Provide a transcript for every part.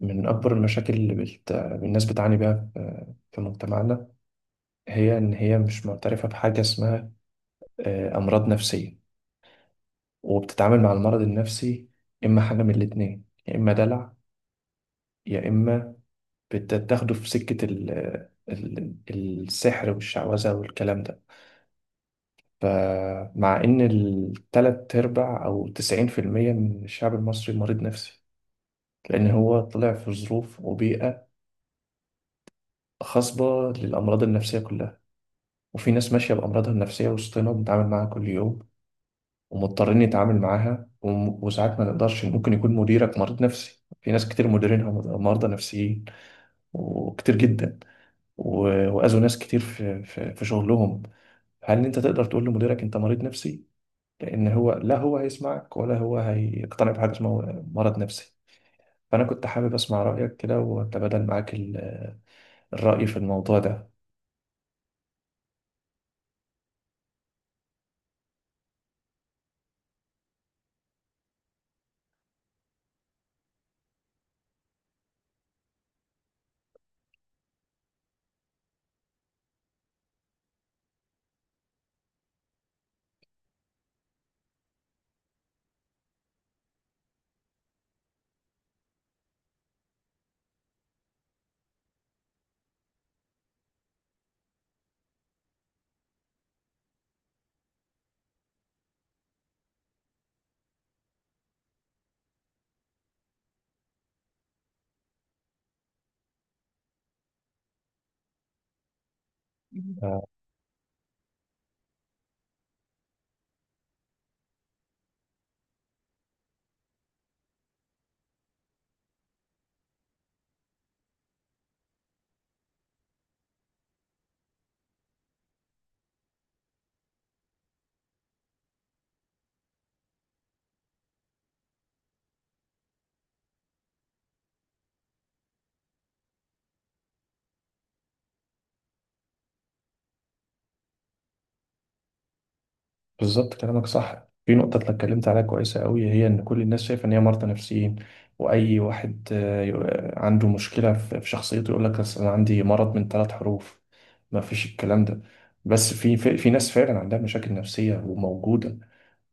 من أكبر المشاكل اللي الناس بتعاني بيها في مجتمعنا. هي إن هي مش معترفة بحاجة اسمها أمراض نفسية، وبتتعامل مع المرض النفسي إما حاجة من الاتنين، يا إما دلع، يا إما بتاخده في سكة السحر والشعوذة والكلام ده. فمع إن التلات أرباع أو 90% من الشعب المصري مريض نفسي، لأن هو طلع في ظروف وبيئة خصبة للأمراض النفسية كلها. وفي ناس ماشية بأمراضها النفسية وسطنا، بنتعامل معاها كل يوم ومضطرين نتعامل معاها، وساعات ما نقدرش. ممكن يكون مديرك مريض نفسي، في ناس كتير مديرينها مرضى نفسيين، وكتير جدا وأذوا ناس كتير في شغلهم. هل أنت تقدر تقول لمديرك أنت مريض نفسي؟ لأن هو لا هو هيسمعك ولا هو هيقتنع بحاجة اسمها مرض نفسي. فأنا كنت حابب أسمع رأيك كده وأتبادل معاك الرأي في الموضوع ده. بالظبط، كلامك صح في نقطة أنا اتكلمت عليها كويسة قوي، هي إن كل الناس شايفة إن هي مرضى نفسيين، وأي واحد عنده مشكلة في شخصيته يقول لك أصل أنا عندي مرض من ثلاث حروف. ما فيش الكلام ده. بس في ناس فعلا عندها مشاكل نفسية وموجودة،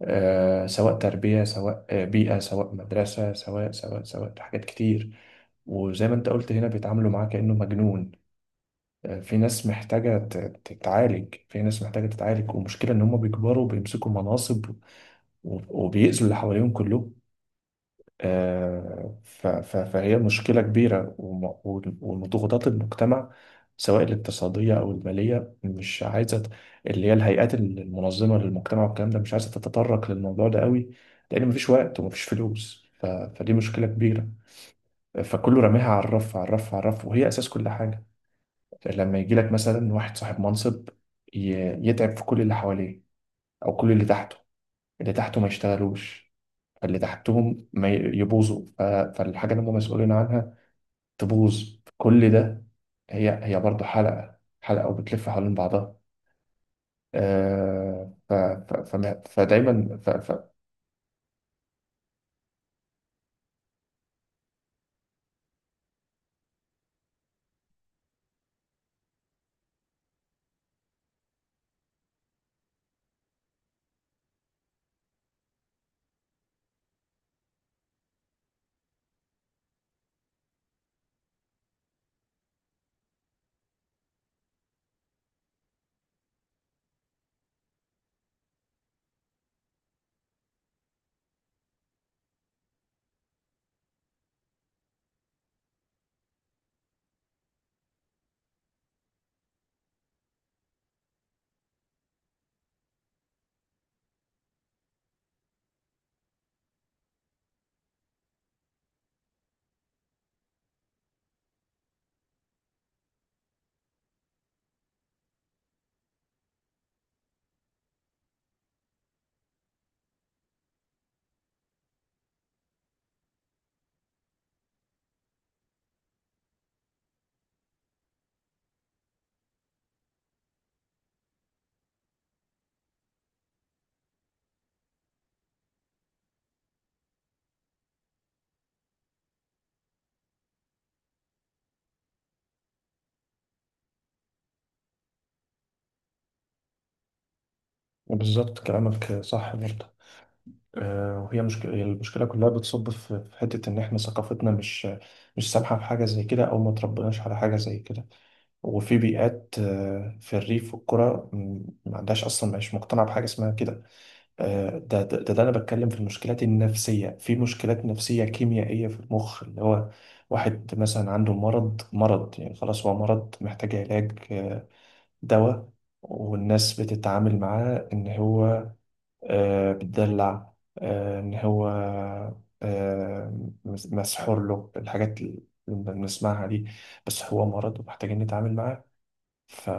سواء تربية، سواء بيئة، سواء مدرسة، سواء حاجات كتير. وزي ما انت قلت هنا بيتعاملوا معاه كأنه مجنون. في ناس محتاجة تتعالج، في ناس محتاجة تتعالج، والمشكلة ان هم بيكبروا بيمسكوا مناصب وبيأذوا اللي حواليهم كله. فهي مشكلة كبيرة، وضغوطات المجتمع، سواء الاقتصادية أو المالية، مش عايزة اللي هي الهيئات المنظمة للمجتمع والكلام ده مش عايزة تتطرق للموضوع ده قوي، لأن مفيش وقت ومفيش فلوس. فدي مشكلة كبيرة، فكله راميها على الرف على الرف على الرف، وهي أساس كل حاجة. لما يجيلك مثلا واحد صاحب منصب يتعب في كل اللي حواليه أو كل اللي تحته، اللي تحته ما يشتغلوش، فاللي تحتهم ما ي- يبوظوا، فالحاجة اللي هم مسؤولين عنها تبوظ كل ده. هي برضه حلقة حلقة وبتلف حوالين بعضها. آه ف ف فما- فدايما ف ف بالظبط، كلامك صح برضه. وهي مشكلة، المشكلة كلها بتصب في حتة إن إحنا ثقافتنا مش سامحة في حاجة زي كده، أو ما تربناش على حاجة زي كده. وفي بيئات، في الريف والقرى ما عندهاش أصلا، مش مقتنعة بحاجة اسمها كده. ده انا بتكلم في المشكلات النفسيه، في مشكلات نفسيه كيميائيه في المخ، اللي هو واحد مثلا عنده مرض، يعني خلاص هو مرض محتاج علاج، دواء. والناس بتتعامل معاه ان هو بتدلع، ان هو مسحور له، الحاجات اللي بنسمعها دي. بس هو مرض، ومحتاجين نتعامل معاه. ف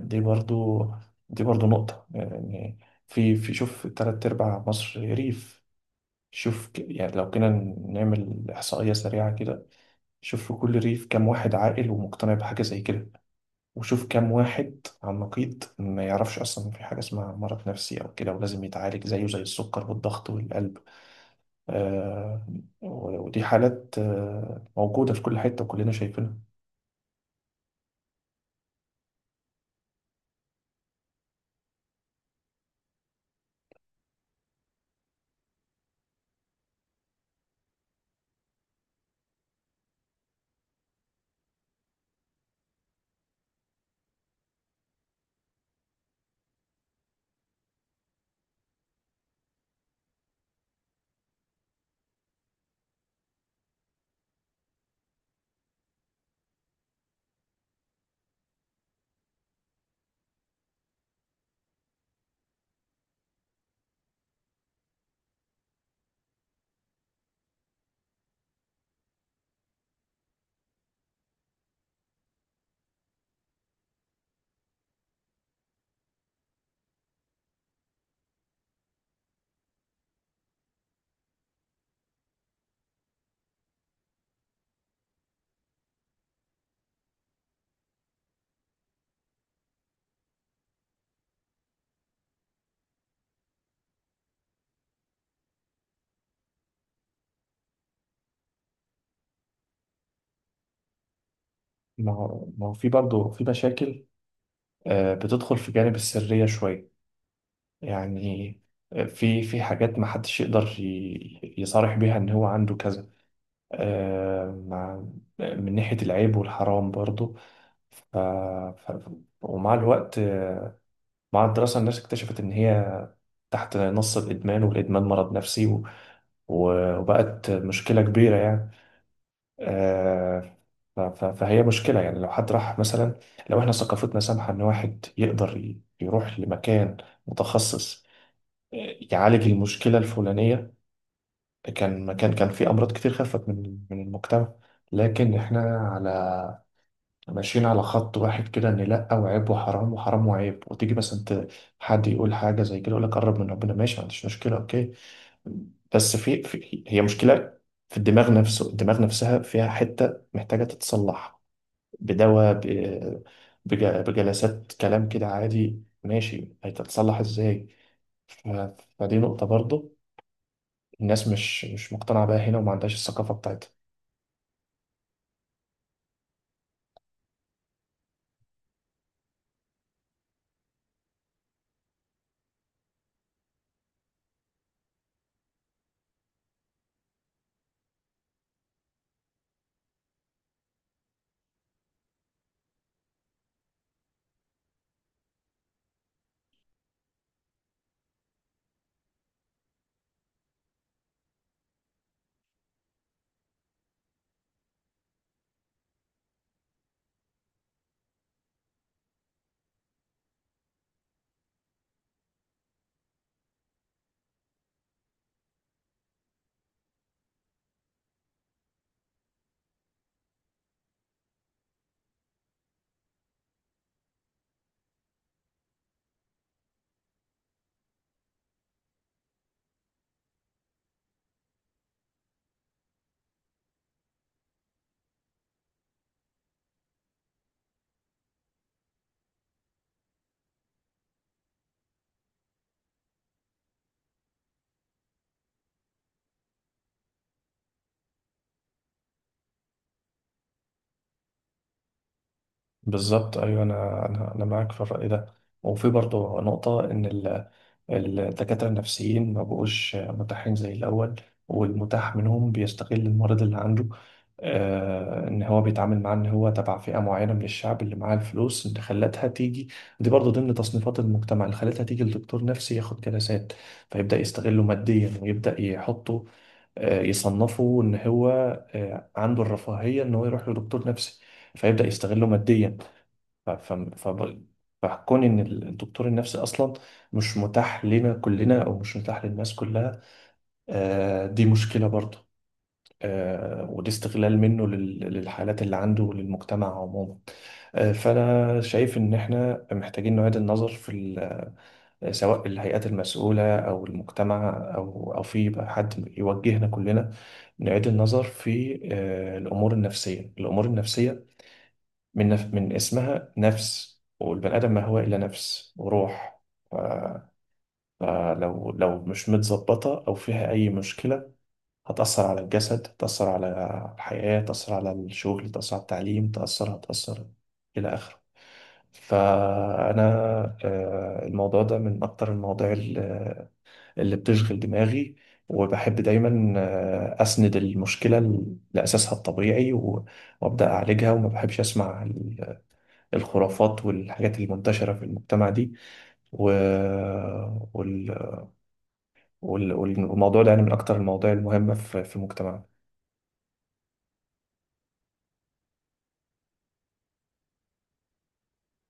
دي برضو دي برضو نقطة يعني. في شوف تلات أرباع مصر ريف. شوف يعني لو كنا نعمل إحصائية سريعة كده، شوف في كل ريف كام واحد عاقل ومقتنع بحاجة زي كده، وشوف كام واحد على النقيض ما يعرفش أصلا إن في حاجة اسمها مرض نفسي أو كده، ولازم يتعالج زيه زي السكر والضغط والقلب. آه ودي حالات موجودة في كل حتة وكلنا شايفينها. ما هو في برضه في مشاكل بتدخل في جانب السرية شوية، يعني في حاجات ما حدش يقدر يصارح بيها ان هو عنده كذا، آه، مع من ناحية العيب والحرام برضو. ف... ف... ومع الوقت، مع الدراسة الناس اكتشفت ان هي تحت نص، الإدمان والإدمان مرض نفسي وبقت مشكلة كبيرة يعني. آه، فهي مشكلة، يعني لو حد راح مثلا، لو احنا ثقافتنا سامحة ان واحد يقدر يروح لمكان متخصص، يعالج المشكلة الفلانية، كان مكان، كان في أمراض كتير خفت من المجتمع. لكن احنا على ماشيين على خط واحد كده، ان لا، وعيب وحرام وحرام وعيب، وتيجي مثلا حد يقول حاجة زي كده يقول لك قرب من ربنا، ماشي، ما عنديش مشكلة، اوكي. بس في هي مشكلة، في الدماغ نفسه، الدماغ نفسها فيها حتة محتاجة تتصلح بدواء، بجلسات كلام كده، عادي ماشي، هتتصلح ازاي؟ ف- فدي نقطة برضه، الناس مش مقتنعة بيها هنا وما عندهاش الثقافة بتاعتها. بالظبط، ايوه، انا معاك في الرأي ده. وفي برضه نقطة ان الدكاترة النفسيين ما بقوش متاحين زي الأول، والمتاح منهم بيستغل المريض اللي عنده، إن هو بيتعامل معاه إن هو تبع فئة معينة من الشعب اللي معاه الفلوس اللي خلتها تيجي، دي برضه ضمن تصنيفات المجتمع اللي خلتها تيجي لدكتور نفسي ياخد جلسات، فيبدأ يستغله ماديا ويبدأ يحطه، يصنفه إن هو عنده الرفاهية إن هو يروح لدكتور نفسي، فيبدأ يستغله ماديا. ف- ف- ف- فكون ان الدكتور النفسي اصلا مش متاح لنا كلنا، او مش متاح للناس كلها، دي مشكله برضه، ودي استغلال منه للحالات اللي عنده وللمجتمع عموما. فانا شايف ان احنا محتاجين نعيد النظر في سواء الهيئات المسؤوله، او المجتمع، او في بقى حد يوجهنا كلنا، نعيد النظر في الامور النفسيه، من اسمها نفس، والبني آدم ما هو إلا نفس وروح. ف... فلو لو مش متظبطة أو فيها أي مشكلة، هتأثر على الجسد، هتأثر على الحياة، تأثر على الشغل، تأثر على التعليم، هتأثر، إلى آخره. فأنا الموضوع ده من أكتر المواضيع اللي بتشغل دماغي، وبحب دايما أسند المشكلة لأساسها الطبيعي، وأبدأ أعالجها، وما بحبش أسمع الخرافات والحاجات المنتشرة في المجتمع دي. و... وال... والموضوع ده يعني من أكتر المواضيع المهمة في مجتمعنا.